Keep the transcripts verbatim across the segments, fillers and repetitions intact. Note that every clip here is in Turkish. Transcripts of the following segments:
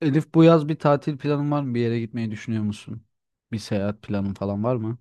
Elif bu yaz bir tatil planın var mı? Bir yere gitmeyi düşünüyor musun? Bir seyahat planın falan var mı?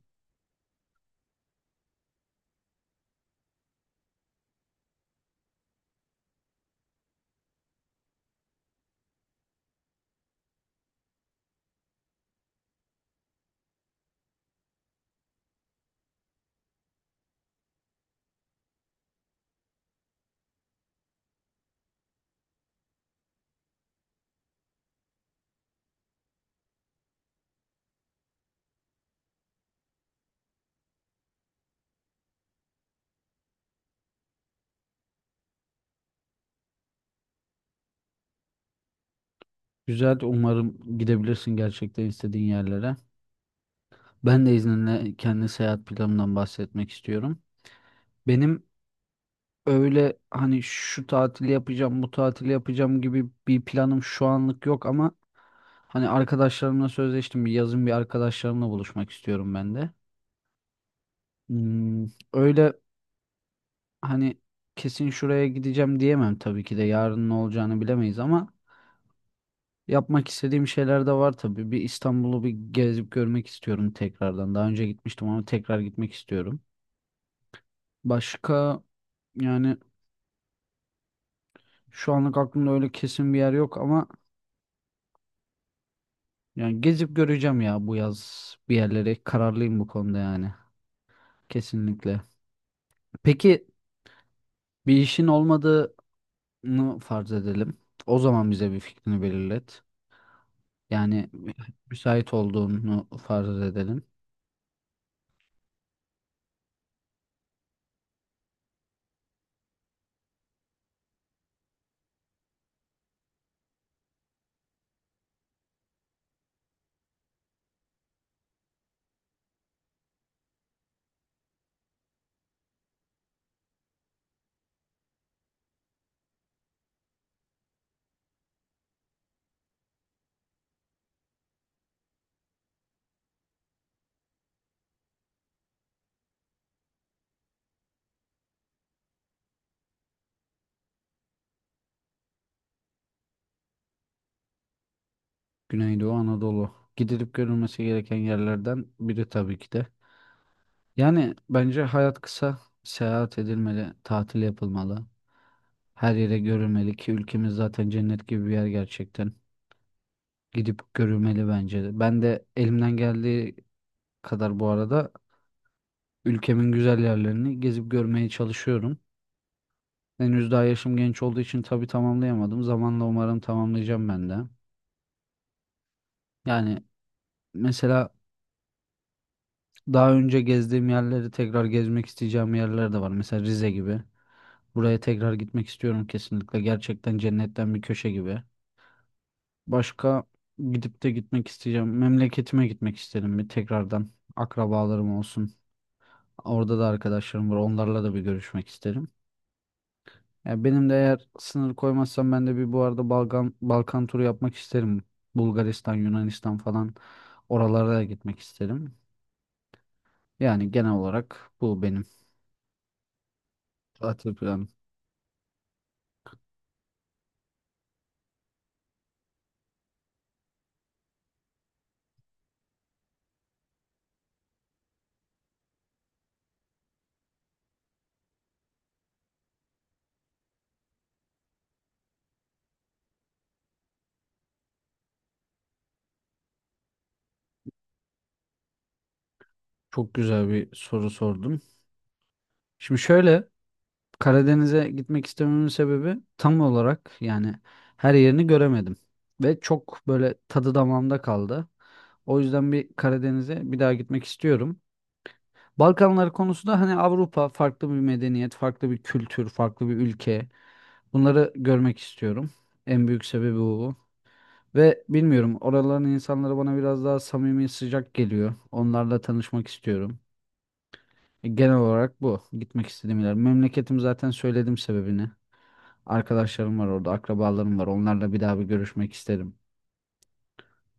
Güzel, umarım gidebilirsin gerçekten istediğin yerlere. Ben de izninle kendi seyahat planımdan bahsetmek istiyorum. Benim öyle hani şu tatili yapacağım, bu tatili yapacağım gibi bir planım şu anlık yok ama hani arkadaşlarımla sözleştim. Bir yazın bir arkadaşlarımla buluşmak istiyorum ben de. Hmm, öyle hani kesin şuraya gideceğim diyemem tabii ki de yarın ne olacağını bilemeyiz ama yapmak istediğim şeyler de var tabii. Bir İstanbul'u bir gezip görmek istiyorum tekrardan. Daha önce gitmiştim ama tekrar gitmek istiyorum. Başka yani şu anlık aklımda öyle kesin bir yer yok ama yani gezip göreceğim ya bu yaz bir yerlere. Kararlıyım bu konuda yani. Kesinlikle. Peki bir işin olmadığını farz edelim. O zaman bize bir fikrini belirlet. Yani müsait olduğunu farz edelim. Güneydoğu Anadolu. Gidilip görülmesi gereken yerlerden biri tabii ki de. Yani bence hayat kısa, seyahat edilmeli, tatil yapılmalı. Her yere görülmeli ki ülkemiz zaten cennet gibi bir yer gerçekten. Gidip görülmeli bence de. Ben de elimden geldiği kadar bu arada ülkemin güzel yerlerini gezip görmeye çalışıyorum. Henüz daha yaşım genç olduğu için tabii tamamlayamadım. Zamanla umarım tamamlayacağım ben de. Yani mesela daha önce gezdiğim yerleri tekrar gezmek isteyeceğim yerler de var. Mesela Rize gibi. Buraya tekrar gitmek istiyorum kesinlikle. Gerçekten cennetten bir köşe gibi. Başka gidip de gitmek isteyeceğim. Memleketime gitmek isterim bir tekrardan. Akrabalarım olsun. Orada da arkadaşlarım var. Onlarla da bir görüşmek isterim. Ya benim de eğer sınır koymazsam ben de bir bu arada Balkan Balkan turu yapmak isterim. Bulgaristan, Yunanistan falan oralara da gitmek isterim. Yani genel olarak bu benim tatil planım. Çok güzel bir soru sordum. Şimdi şöyle, Karadeniz'e gitmek istememin sebebi tam olarak yani her yerini göremedim. Ve çok böyle tadı damağımda kaldı. O yüzden bir Karadeniz'e bir daha gitmek istiyorum. Balkanlar konusu da hani Avrupa farklı bir medeniyet, farklı bir kültür, farklı bir ülke. Bunları görmek istiyorum. En büyük sebebi bu. Ve bilmiyorum oraların insanları bana biraz daha samimi, sıcak geliyor. Onlarla tanışmak istiyorum. E, Genel olarak bu. Gitmek istediğim yer. Memleketim zaten söyledim sebebini. Arkadaşlarım var orada, akrabalarım var. Onlarla bir daha bir görüşmek isterim.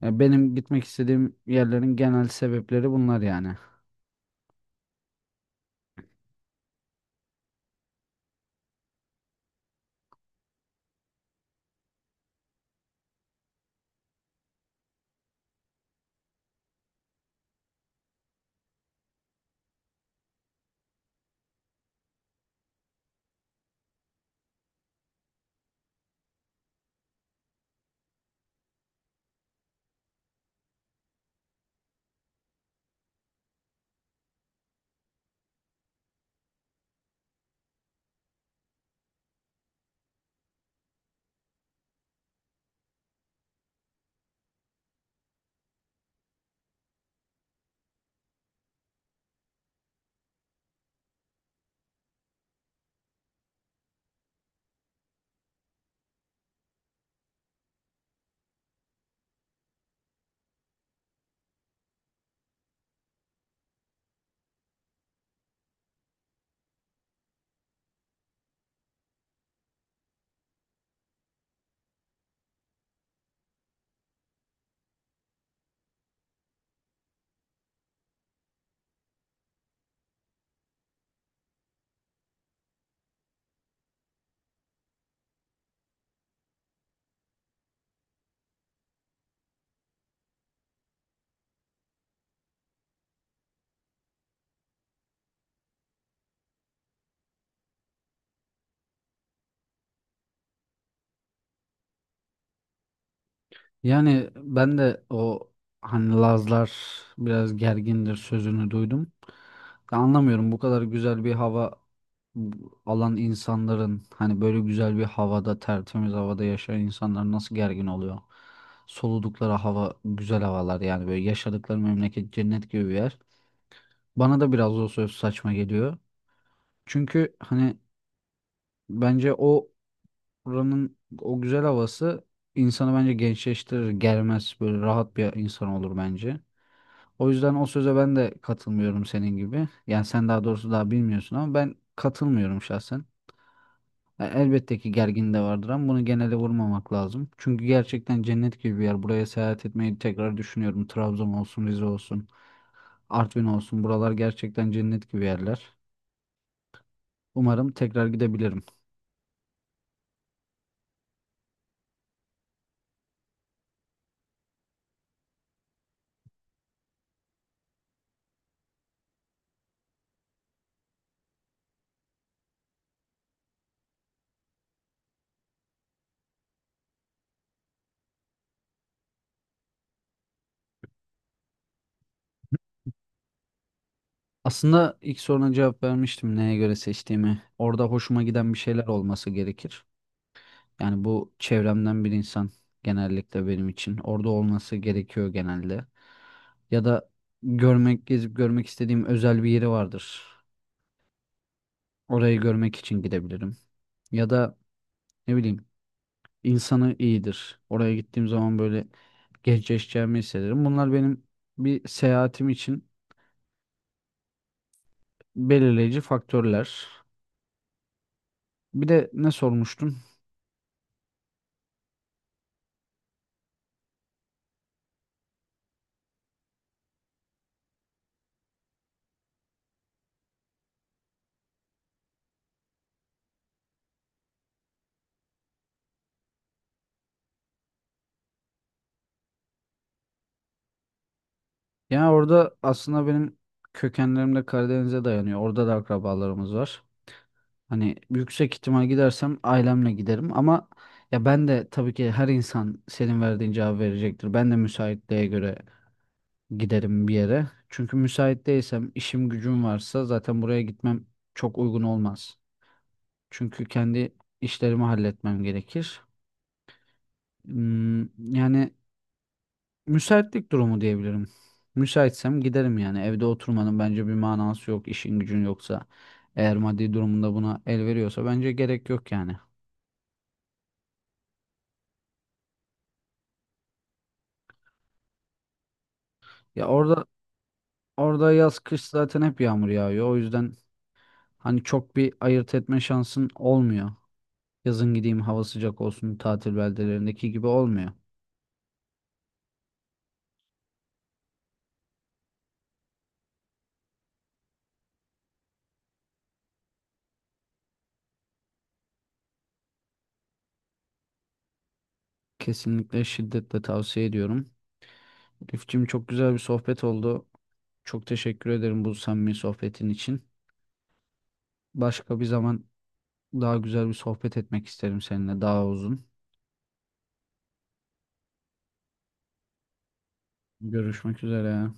Ya benim gitmek istediğim yerlerin genel sebepleri bunlar yani. Yani ben de o hani Lazlar biraz gergindir sözünü duydum. Ya anlamıyorum bu kadar güzel bir hava bu- alan insanların hani böyle güzel bir havada tertemiz havada yaşayan insanlar nasıl gergin oluyor? Soludukları hava güzel havalar yani böyle yaşadıkları memleket cennet gibi bir yer. Bana da biraz o söz saçma geliyor. Çünkü hani bence o oranın o güzel havası insanı bence gençleştirir, germez, böyle rahat bir insan olur bence. O yüzden o söze ben de katılmıyorum senin gibi. Yani sen daha doğrusu daha bilmiyorsun ama ben katılmıyorum şahsen. E, Elbette ki gergin de vardır ama bunu genele vurmamak lazım. Çünkü gerçekten cennet gibi bir yer. Buraya seyahat etmeyi tekrar düşünüyorum. Trabzon olsun, Rize olsun, Artvin olsun. Buralar gerçekten cennet gibi yerler. Umarım tekrar gidebilirim. Aslında ilk soruna cevap vermiştim neye göre seçtiğimi. Orada hoşuma giden bir şeyler olması gerekir. Yani bu çevremden bir insan genellikle benim için. Orada olması gerekiyor genelde. Ya da görmek, gezip görmek istediğim özel bir yeri vardır. Orayı görmek için gidebilirim. Ya da ne bileyim insanı iyidir. Oraya gittiğim zaman böyle gençleşeceğimi hissederim. Bunlar benim bir seyahatim için belirleyici faktörler. Bir de ne sormuştun? Yani orada aslında benim kökenlerim de Karadeniz'e dayanıyor. Orada da akrabalarımız var. Hani yüksek ihtimal gidersem ailemle giderim ama ya ben de tabii ki her insan senin verdiğin cevabı verecektir. Ben de müsaitliğe göre giderim bir yere. Çünkü müsait değilsem, işim gücüm varsa zaten buraya gitmem çok uygun olmaz. Çünkü kendi işlerimi halletmem gerekir. Hmm, yani müsaitlik durumu diyebilirim. Müsaitsem giderim yani. Evde oturmanın bence bir manası yok. İşin gücün yoksa, eğer maddi durumunda buna el veriyorsa bence gerek yok yani. Ya orada orada yaz kış zaten hep yağmur yağıyor. O yüzden hani çok bir ayırt etme şansın olmuyor. Yazın gideyim hava sıcak olsun tatil beldelerindeki gibi olmuyor. Kesinlikle şiddetle tavsiye ediyorum. Rifçim çok güzel bir sohbet oldu. Çok teşekkür ederim bu samimi sohbetin için. Başka bir zaman daha güzel bir sohbet etmek isterim seninle daha uzun. Görüşmek üzere.